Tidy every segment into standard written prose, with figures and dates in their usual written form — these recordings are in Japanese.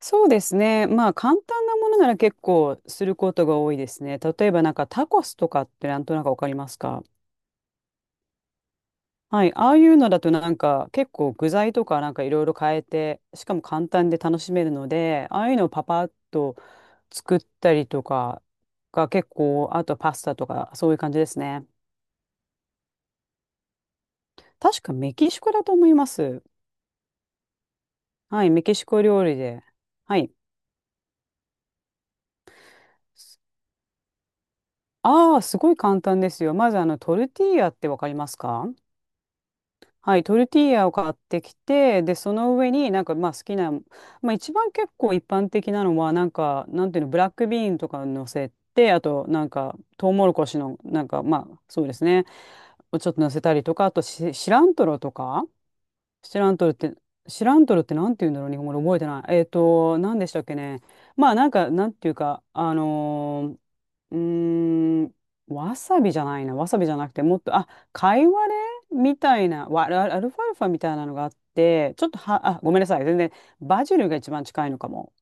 そうですね。まあ簡単なものなら結構することが多いですね。例えばなんかタコスとかってなんとなくわかりますか？はい。ああいうのだとなんか結構具材とかなんかいろいろ変えて、しかも簡単で楽しめるので、ああいうのをパパッと作ったりとかが結構、あとパスタとかそういう感じですね。確かメキシコだと思います。はい。メキシコ料理で。はい。ああ、すごい簡単ですよ。まずあのトルティーヤってわかりますか？はい、トルティーヤを買ってきて、で、その上になんかまあ好きな、まあ一番結構一般的なのは、なんか、なんていうの、ブラックビーンとか乗せて、あとなんか、トウモロコシの、なんかまあ、そうですね、をちょっと乗せたりとか、あとシラントロとか。シラントルって、シラントルってなんて言うんだろう、日本語で覚えてない。何でしたっけね。まあ、なんか、なんていうか、ー、うーん、わさびじゃないな、わさびじゃなくて、もっと、あ、カイワレみたいな、わアルアルファルファみたいなのがあって、ちょっとは、あ、ごめんなさい、全然、バジルが一番近いのかも。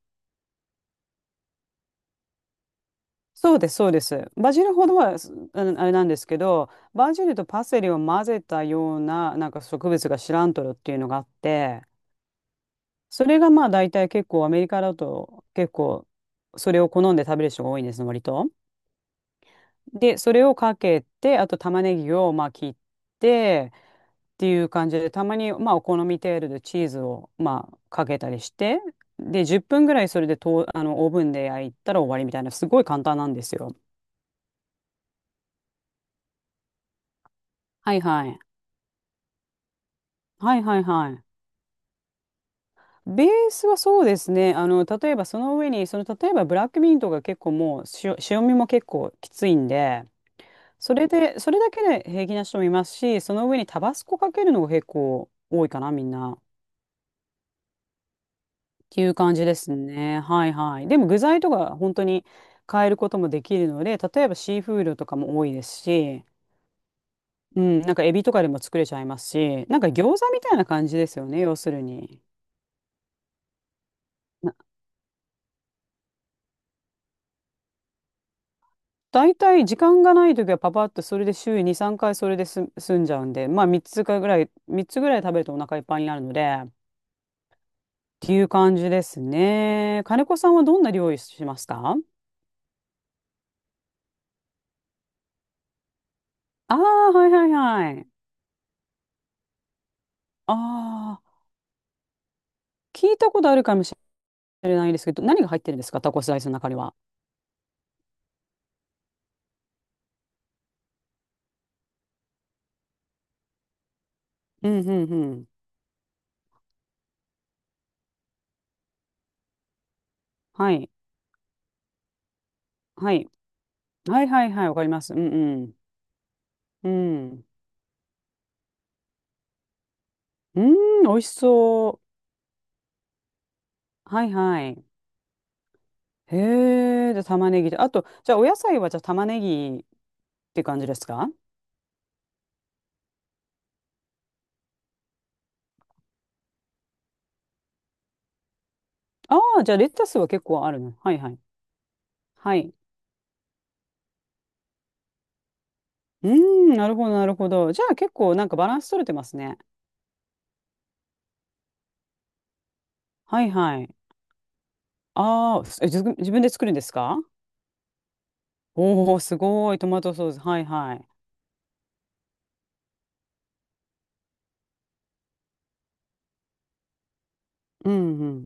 そうです、そうです。バジルほどは、すあのあれなんですけど、バジルとパセリを混ぜたような、なんか植物がシラントルっていうのがあって、それがまあ大体結構アメリカだと結構それを好んで食べる人が多いんですね割と。でそれをかけてあと玉ねぎをまあ切ってっていう感じでたまにまあお好み程度でチーズをまあかけたりしてで10分ぐらいそれでとあのオーブンで焼いたら終わりみたいなすごい簡単なんですよ。はいはい。はいはいはい。ベースはそうですね。あの、例えばその上に、その、例えばブラックミントが結構もう塩味も結構きついんで、それで、それだけで平気な人もいますし、その上にタバスコかけるのが結構多いかな、みんな。っていう感じですね。はいはい。でも具材とか本当に変えることもできるので、例えばシーフードとかも多いですし、うん、なんかエビとかでも作れちゃいますし、なんか餃子みたいな感じですよね、要するに。な大体時間がない時はパパッとそれで週に3回それです済んじゃうんで、まあ3つぐらい食べるとお腹いっぱいになるので、っていう感じですね。金子さんはどんな料理しますか？ああー、はいはいはい。ああ、聞いたことあるかもしれないですけど、何が入ってるんですかタコスライスの中には？うんうんうん。はい。はい。はいはいはい。わかります。うんうん。うん。うーん、美味しそう。はいはい。へえ、じゃあ玉ねぎで。あと、じゃあお野菜はじゃあ玉ねぎって感じですか？ああー、じゃあレタスは結構あるね。はいはい。はい。うーん、なるほどなるほど。じゃあ結構なんかバランス取れてますね。はいはい。ああ、自分で作るんですか？おおー、すごい。トマトソース。はいはい。うんうん。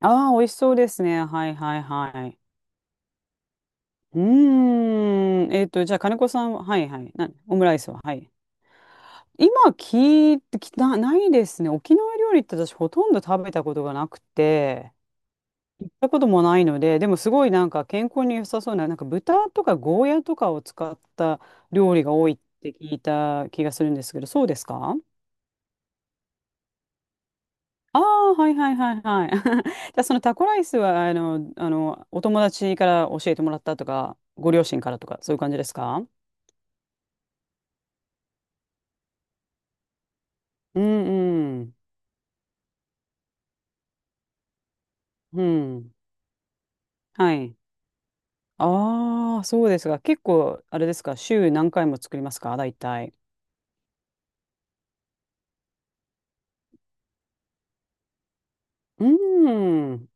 ああ、美味しそうですね。はいはいはい。うーん。じゃあ、金子さんは、はいはい。オムライスは、はい。今聞いてきた、ないですね。沖縄料理って私ほとんど食べたことがなくて、行ったこともないので、でもすごいなんか健康に良さそうな、なんか豚とかゴーヤとかを使った料理が多いって聞いた気がするんですけど、そうですか？ああ、はいはいはいはい。じゃあそのタコライスは、お友達から教えてもらったとか、ご両親からとか、そういう感じですか？うんうん。うん。はい。ああ、そうですが、結構、あれですか、週何回も作りますか大体？うーん。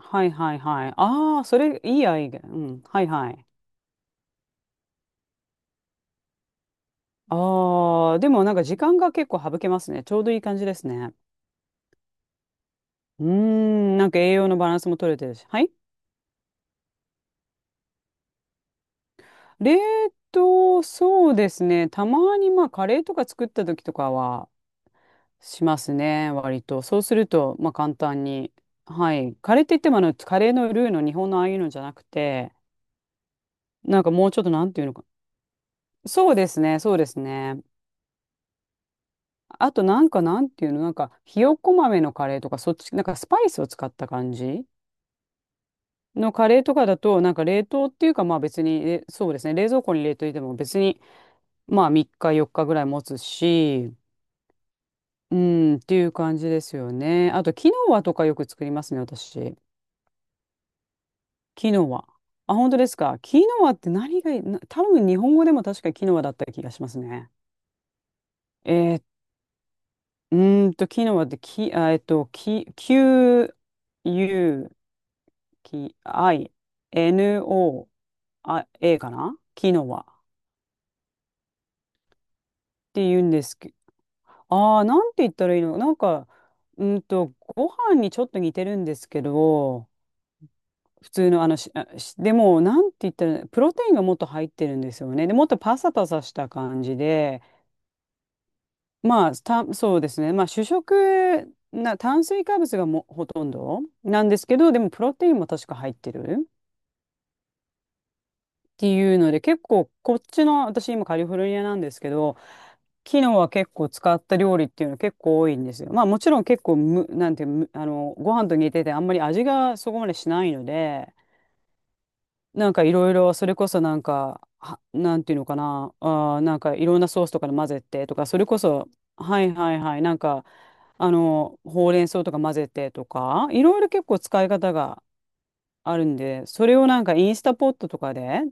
はいはいはい。ああ、それ、いいアイデア。うん。はいはい。ああ、でもなんか時間が結構省けますね。ちょうどいい感じですね。うーん。なんか栄養のバランスも取れてるし。はい。冷凍、そうですね。たまにまあカレーとか作った時とかはしますね、割と。そうすると、まあ簡単に。はい。カレーって言ってもあの、カレーのルーの日本のああいうのじゃなくて、なんかもうちょっとなんていうのか。そうですね、そうですね。あとなんかなんていうの、なんかひよこ豆のカレーとか、そっち、なんかスパイスを使った感じのカレーとかだと、なんか冷凍っていうかまあ別に、そうですね、冷蔵庫に入れといても別にまあ3日4日ぐらい持つし、うん、っていう感じですよね。あと、キノワとかよく作りますね、私。キノワ。あ、本当ですか。キノワって何がいい、な多分日本語でも確かキノワだった気がしますね。えー、キノワってキ、あ、キ、Q、U、キ、I、N、O、あ、A かなキノワって言うんですけど、ああ、なんて言ったらいいのなんか、うーんと、ご飯にちょっと似てるんですけど、普通のあのし、あしでも、なんて言ったら、プロテインがもっと入ってるんですよね。で、もっとパサパサした感じで、まあ、そうですね。まあ、主食な、炭水化物がもほとんどなんですけど、でも、プロテインも確か入ってるっていうので、結構、こっちの、私今カリフォルニアなんですけど、昨日は結構使った料理っていうの結構多いんですよ。まあもちろん結構む、なんていうむあの、ご飯と似ててあんまり味がそこまでしないので、なんかいろいろ、それこそなんか、は、なんていうのかな、なんかいろんなソースとかで混ぜてとか、それこそ、はいはいはい、なんか、あの、ほうれん草とか混ぜてとか、いろいろ結構使い方があるんで、それをなんかインスタポットとかで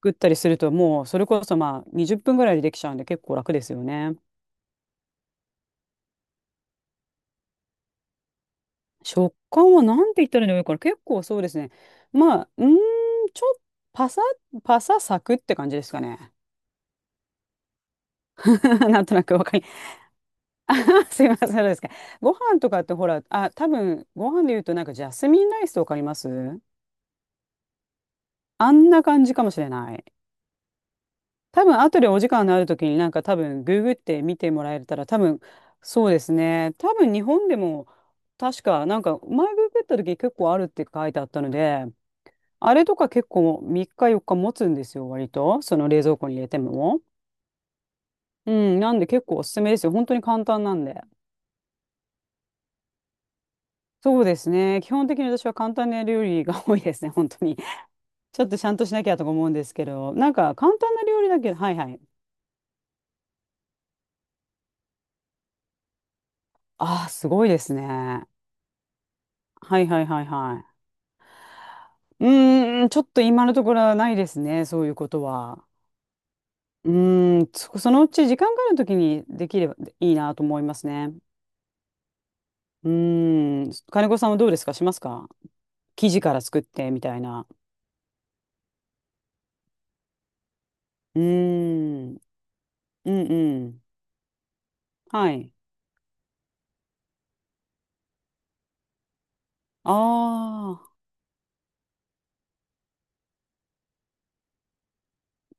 作ったりすると、もうそれこそまあ20分ぐらいでできちゃうんで結構楽ですよね。食感はなんて言ったらいいのかな、結構そうですね。まあ、ちょっとパサ、パササクって感じですかね。なんとなくわかりすいません、そうですか。ご飯とかってほら、あ、多分、ご飯で言うとなんかジャスミンライスとかあります？あんな感じかもしれない。多分、後でお時間のある時になんか多分、ググって見てもらえたら多分、そうですね。多分、日本でも確かなんか、前ググった時結構あるって書いてあったので、あれとか結構3日4日持つんですよ、割と。その冷蔵庫に入れても。うん、なんで結構おすすめですよ。本当に簡単なんで。そうですね。基本的に私は簡単な料理が多いですね、本当に。ちょっとちゃんとしなきゃとか思うんですけど、なんか簡単な料理だけど、はいはい。ああ、すごいですね。はいはいはいはい。ちょっと今のところはないですね、そういうことは。うーん、そ、そのうち時間があるときにできればいいなと思いますね。うーん、金子さんはどうですか？しますか？生地から作ってみたいな。うーん、うんうん。はい。ああ、は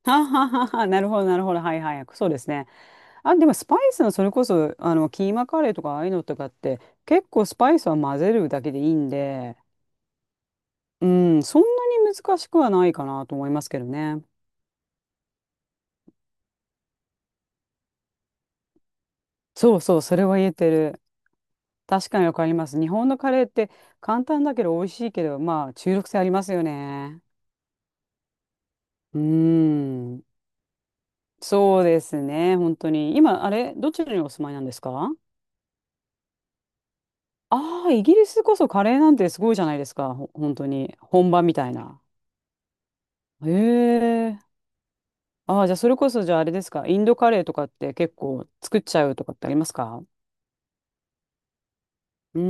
ははは、なるほどなるほど。はいはい。そうですね。あ、でもスパイスのそれこそ、あの、キーマカレーとかああいうのとかって、結構スパイスは混ぜるだけでいいんで、うん、そんなに難しくはないかなと思いますけどね。そうそう、それは言えてる。確かにわかります。日本のカレーって簡単だけど美味しいけど、まあ、中毒性ありますよね。うーん、そうですね、本当に。今、あれ、どちらにお住まいなんですか？ああー、イギリスこそカレーなんてすごいじゃないですか。ほ本当に。本場みたいな。へえ。ああ、じゃあそれこそじゃああれですか。インドカレーとかって結構作っちゃうとかってありますか？うんう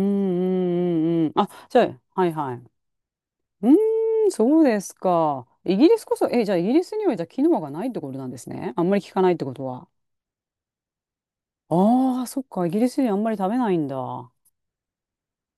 んうんうん。あ、じゃあ、はいはい。うーん、そうですか。イギリスこそ、え、じゃあイギリスにはじゃあキノアがないってことなんですね。あんまり聞かないってことは。ああ、そっか。イギリスにあんまり食べないんだ。う